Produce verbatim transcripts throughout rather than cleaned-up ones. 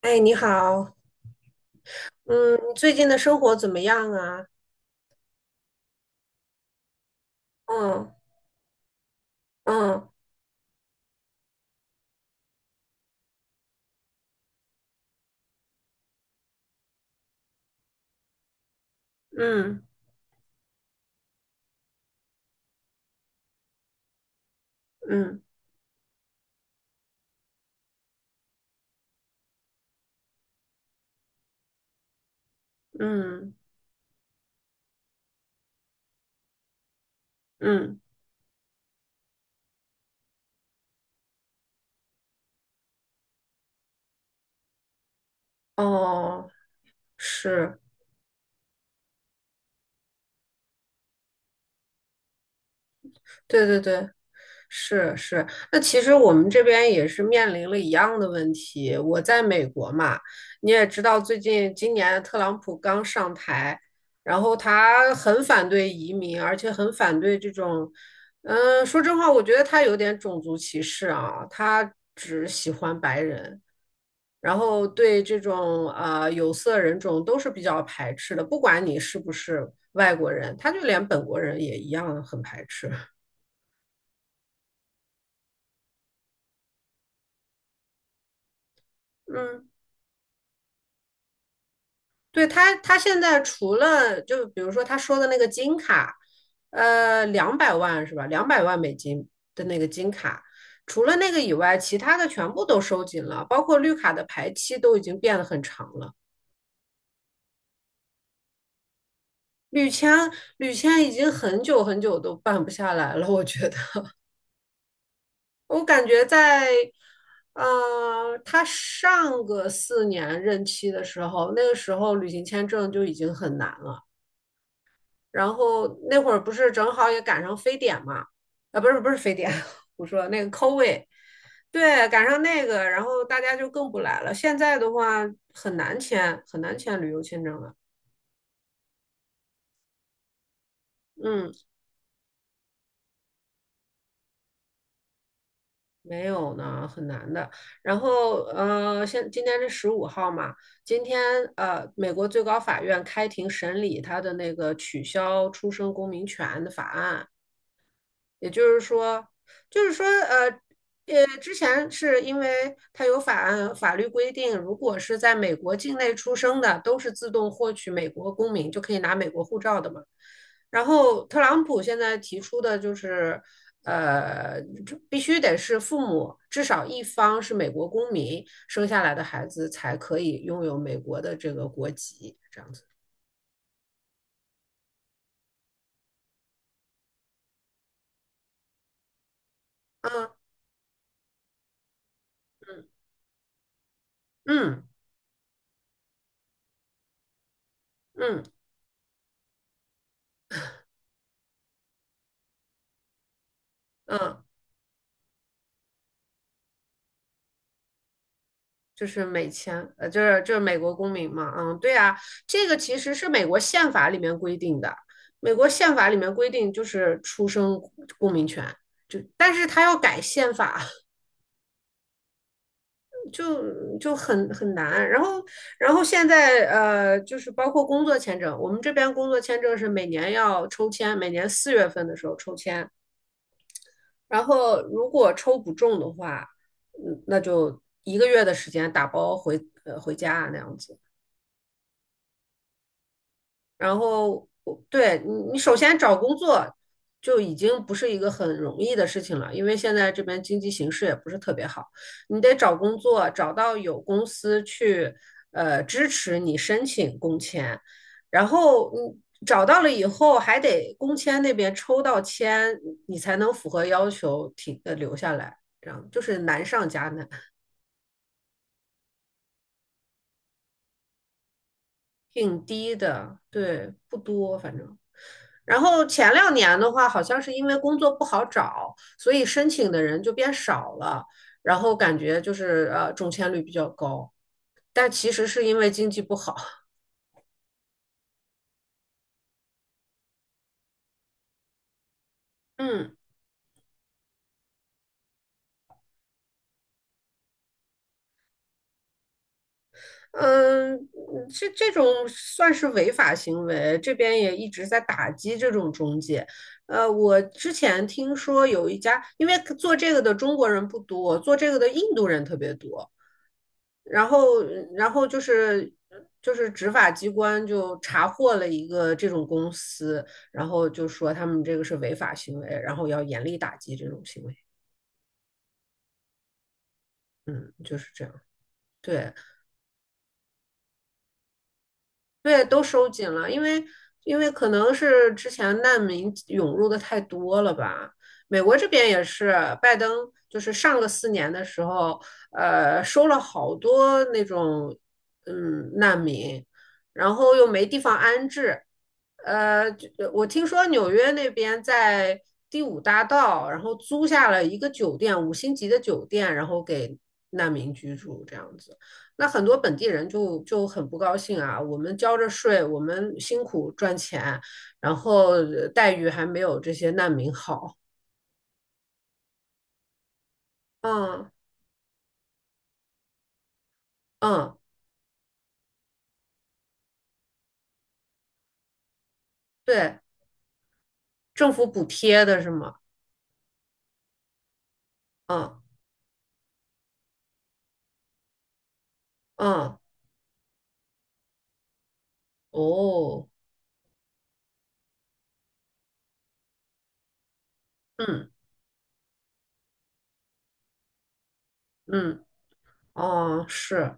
哎，你好，嗯，你最近的生活怎么样啊？嗯嗯嗯嗯嗯嗯，哦，是，对对对，是是。那其实我们这边也是面临了一样的问题。我在美国嘛，你也知道，最近今年特朗普刚上台，然后他很反对移民，而且很反对这种，嗯，说真话，我觉得他有点种族歧视啊，他只喜欢白人。然后对这种啊、呃有色人种都是比较排斥的，不管你是不是外国人，他就连本国人也一样很排斥。嗯，对他，他现在除了就比如说他说的那个金卡，呃，两百万是吧？两百万美金的那个金卡，除了那个以外，其他的全部都收紧了，包括绿卡的排期都已经变得很长了。绿签，绿签已经很久很久都办不下来了，我觉得。我感觉在，呃，他上个四年任期的时候，那个时候旅行签证就已经很难了。然后那会儿不是正好也赶上非典嘛？啊，不是不是非典，我说那个 COVID，对，赶上那个，然后大家就更不来了。现在的话很难签，很难签旅游签证了。嗯。没有呢，很难的。然后，呃，现今天是十五号嘛，今天呃，美国最高法院开庭审理他的那个取消出生公民权的法案，也就是说，就是说，呃，呃，之前是因为它有法案法律规定，如果是在美国境内出生的，都是自动获取美国公民，就可以拿美国护照的嘛。然后特朗普现在提出的就是，呃，这必须得是父母至少一方是美国公民生下来的孩子才可以拥有美国的这个国籍，这样子。嗯嗯嗯嗯嗯。就是美签，呃，就是就是美国公民嘛，嗯，对啊，这个其实是美国宪法里面规定的，美国宪法里面规定就是出生公民权，就但是他要改宪法，就就很很难。然后然后现在呃，就是包括工作签证，我们这边工作签证是每年要抽签，每年四月份的时候抽签，然后如果抽不中的话，嗯，那就一个月的时间打包回呃回家啊那样子。然后我对你，你首先找工作就已经不是一个很容易的事情了，因为现在这边经济形势也不是特别好，你得找工作，找到有公司去呃支持你申请工签，然后你找到了以后，还得工签那边抽到签，你才能符合要求停呃留下来，这样就是难上加难，挺低的，对，不多，反正。然后前两年的话，好像是因为工作不好找，所以申请的人就变少了，然后感觉就是呃中签率比较高，但其实是因为经济不好。嗯嗯，这这种算是违法行为，这边也一直在打击这种中介。呃，我之前听说有一家，因为做这个的中国人不多，做这个的印度人特别多。然后，然后就是就是执法机关就查获了一个这种公司，然后就说他们这个是违法行为，然后要严厉打击这种行为。嗯，就是这样。对，对，都收紧了，因为因为可能是之前难民涌入的太多了吧。美国这边也是，拜登就是上个四年的时候，呃，收了好多那种嗯难民，然后又没地方安置。呃，就我听说纽约那边在第五大道，然后租下了一个酒店，五星级的酒店，然后给难民居住，这样子。那很多本地人就就很不高兴啊，我们交着税，我们辛苦赚钱，然后呃待遇还没有这些难民好。嗯嗯，对，政府补贴的是吗？嗯嗯，哦，嗯嗯。哦，是，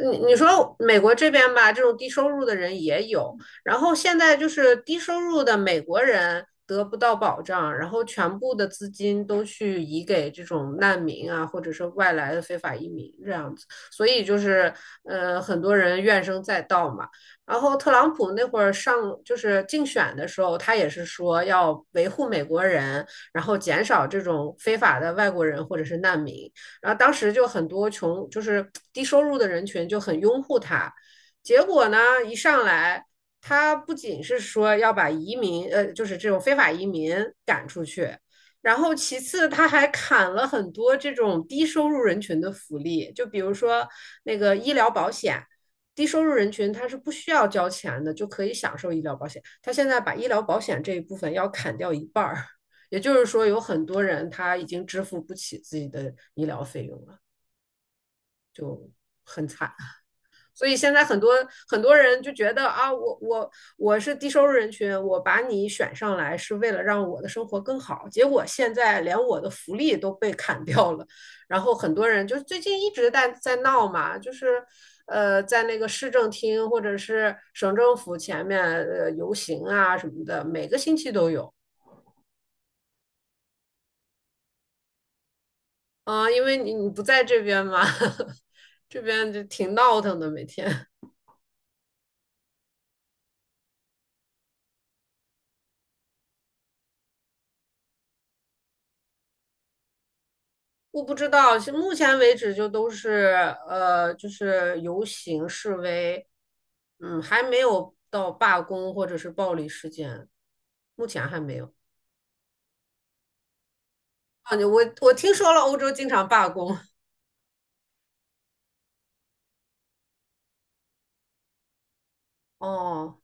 你你说美国这边吧，这种低收入的人也有，然后现在就是低收入的美国人得不到保障，然后全部的资金都去移给这种难民啊，或者是外来的非法移民这样子，所以就是呃，很多人怨声载道嘛。然后特朗普那会儿上就是竞选的时候，他也是说要维护美国人，然后减少这种非法的外国人或者是难民。然后当时就很多穷，就是低收入的人群就很拥护他。结果呢，一上来，他不仅是说要把移民，呃，就是这种非法移民赶出去，然后其次他还砍了很多这种低收入人群的福利，就比如说那个医疗保险。低收入人群他是不需要交钱的，就可以享受医疗保险。他现在把医疗保险这一部分要砍掉一半儿，也就是说，有很多人他已经支付不起自己的医疗费用了，很惨。所以现在很多很多人就觉得啊，我我我是低收入人群，我把你选上来是为了让我的生活更好，结果现在连我的福利都被砍掉了。然后很多人就最近一直在在闹嘛，就是呃，在那个市政厅或者是省政府前面呃游行啊什么的，每个星期都有。啊，因为你你不在这边嘛，这边就挺闹腾的，每天。我不知道，是目前为止就都是呃，就是游行示威，嗯，还没有到罢工或者是暴力事件，目前还没有。啊，我我听说了，欧洲经常罢工。哦，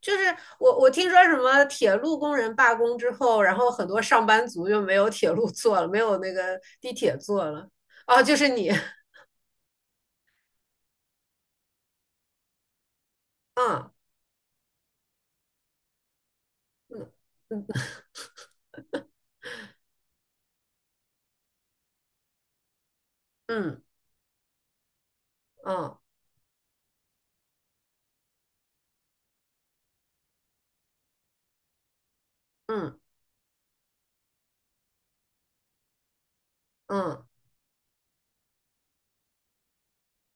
就是我我听说什么铁路工人罢工之后，然后很多上班族就没有铁路坐了，没有那个地铁坐了。哦，就是你，嗯嗯。嗯嗯嗯嗯，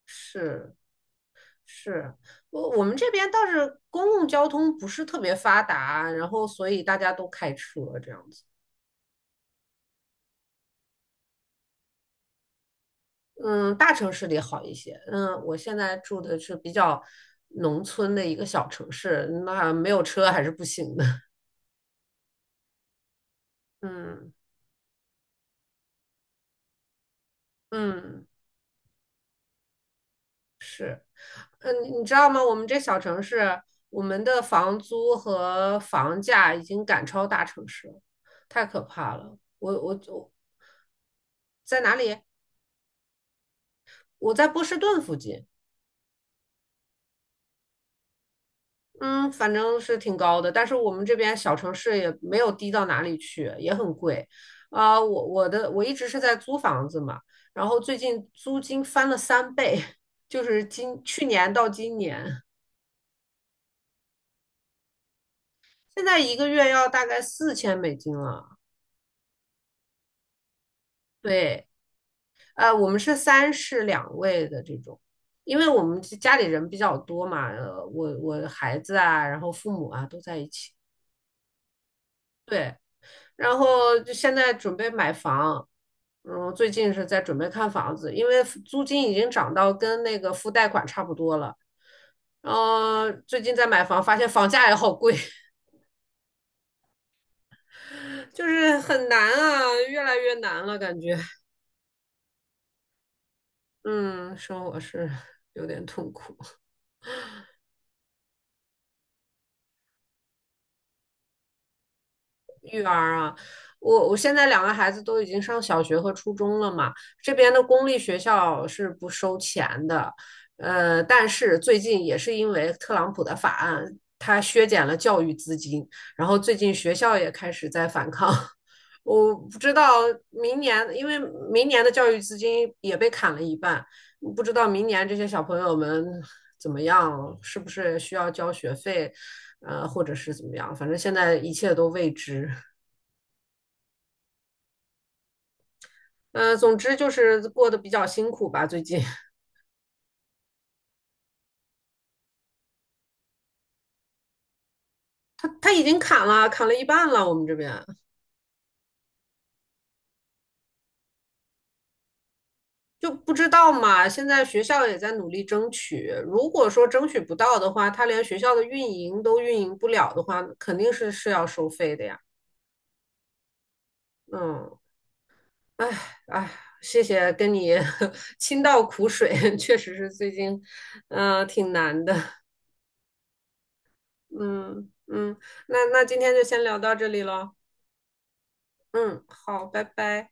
是是，我我们这边倒是公共交通不是特别发达，然后所以大家都开车这样子。嗯，大城市里好一些。嗯，我现在住的是比较农村的一个小城市，那没有车还是不行的。嗯嗯嗯，你你知道吗？我们这小城市，我们的房租和房价已经赶超大城市了，太可怕了。我我我在哪里？我在波士顿附近，嗯，反正是挺高的，但是我们这边小城市也没有低到哪里去，也很贵。啊、我我的我一直是在租房子嘛，然后最近租金翻了三倍，就是今去年到今年，现在一个月要大概四千美金了。对，呃，我们是三室两卫的这种。因为我们家里人比较多嘛，呃，我我孩子啊，然后父母啊都在一起。对，然后就现在准备买房，嗯，最近是在准备看房子，因为租金已经涨到跟那个付贷款差不多了。然后最近在买房，发现房价也好贵，就是很难啊，越来越难了，感觉，嗯，生活是有点痛苦。育儿啊，我我现在两个孩子都已经上小学和初中了嘛，这边的公立学校是不收钱的，呃，但是最近也是因为特朗普的法案，他削减了教育资金，然后最近学校也开始在反抗。我不知道明年，因为明年的教育资金也被砍了一半，不知道明年这些小朋友们怎么样，是不是需要交学费，呃，或者是怎么样，反正现在一切都未知。呃，总之就是过得比较辛苦吧，最近。他他已经砍了，砍了一半了，我们这边就不知道嘛。现在学校也在努力争取，如果说争取不到的话，他连学校的运营都运营不了的话，肯定是是要收费的呀。嗯，哎哎，谢谢跟你 倾倒苦水，确实是最近，嗯，挺难的。嗯嗯，那那今天就先聊到这里喽。嗯，好，拜拜。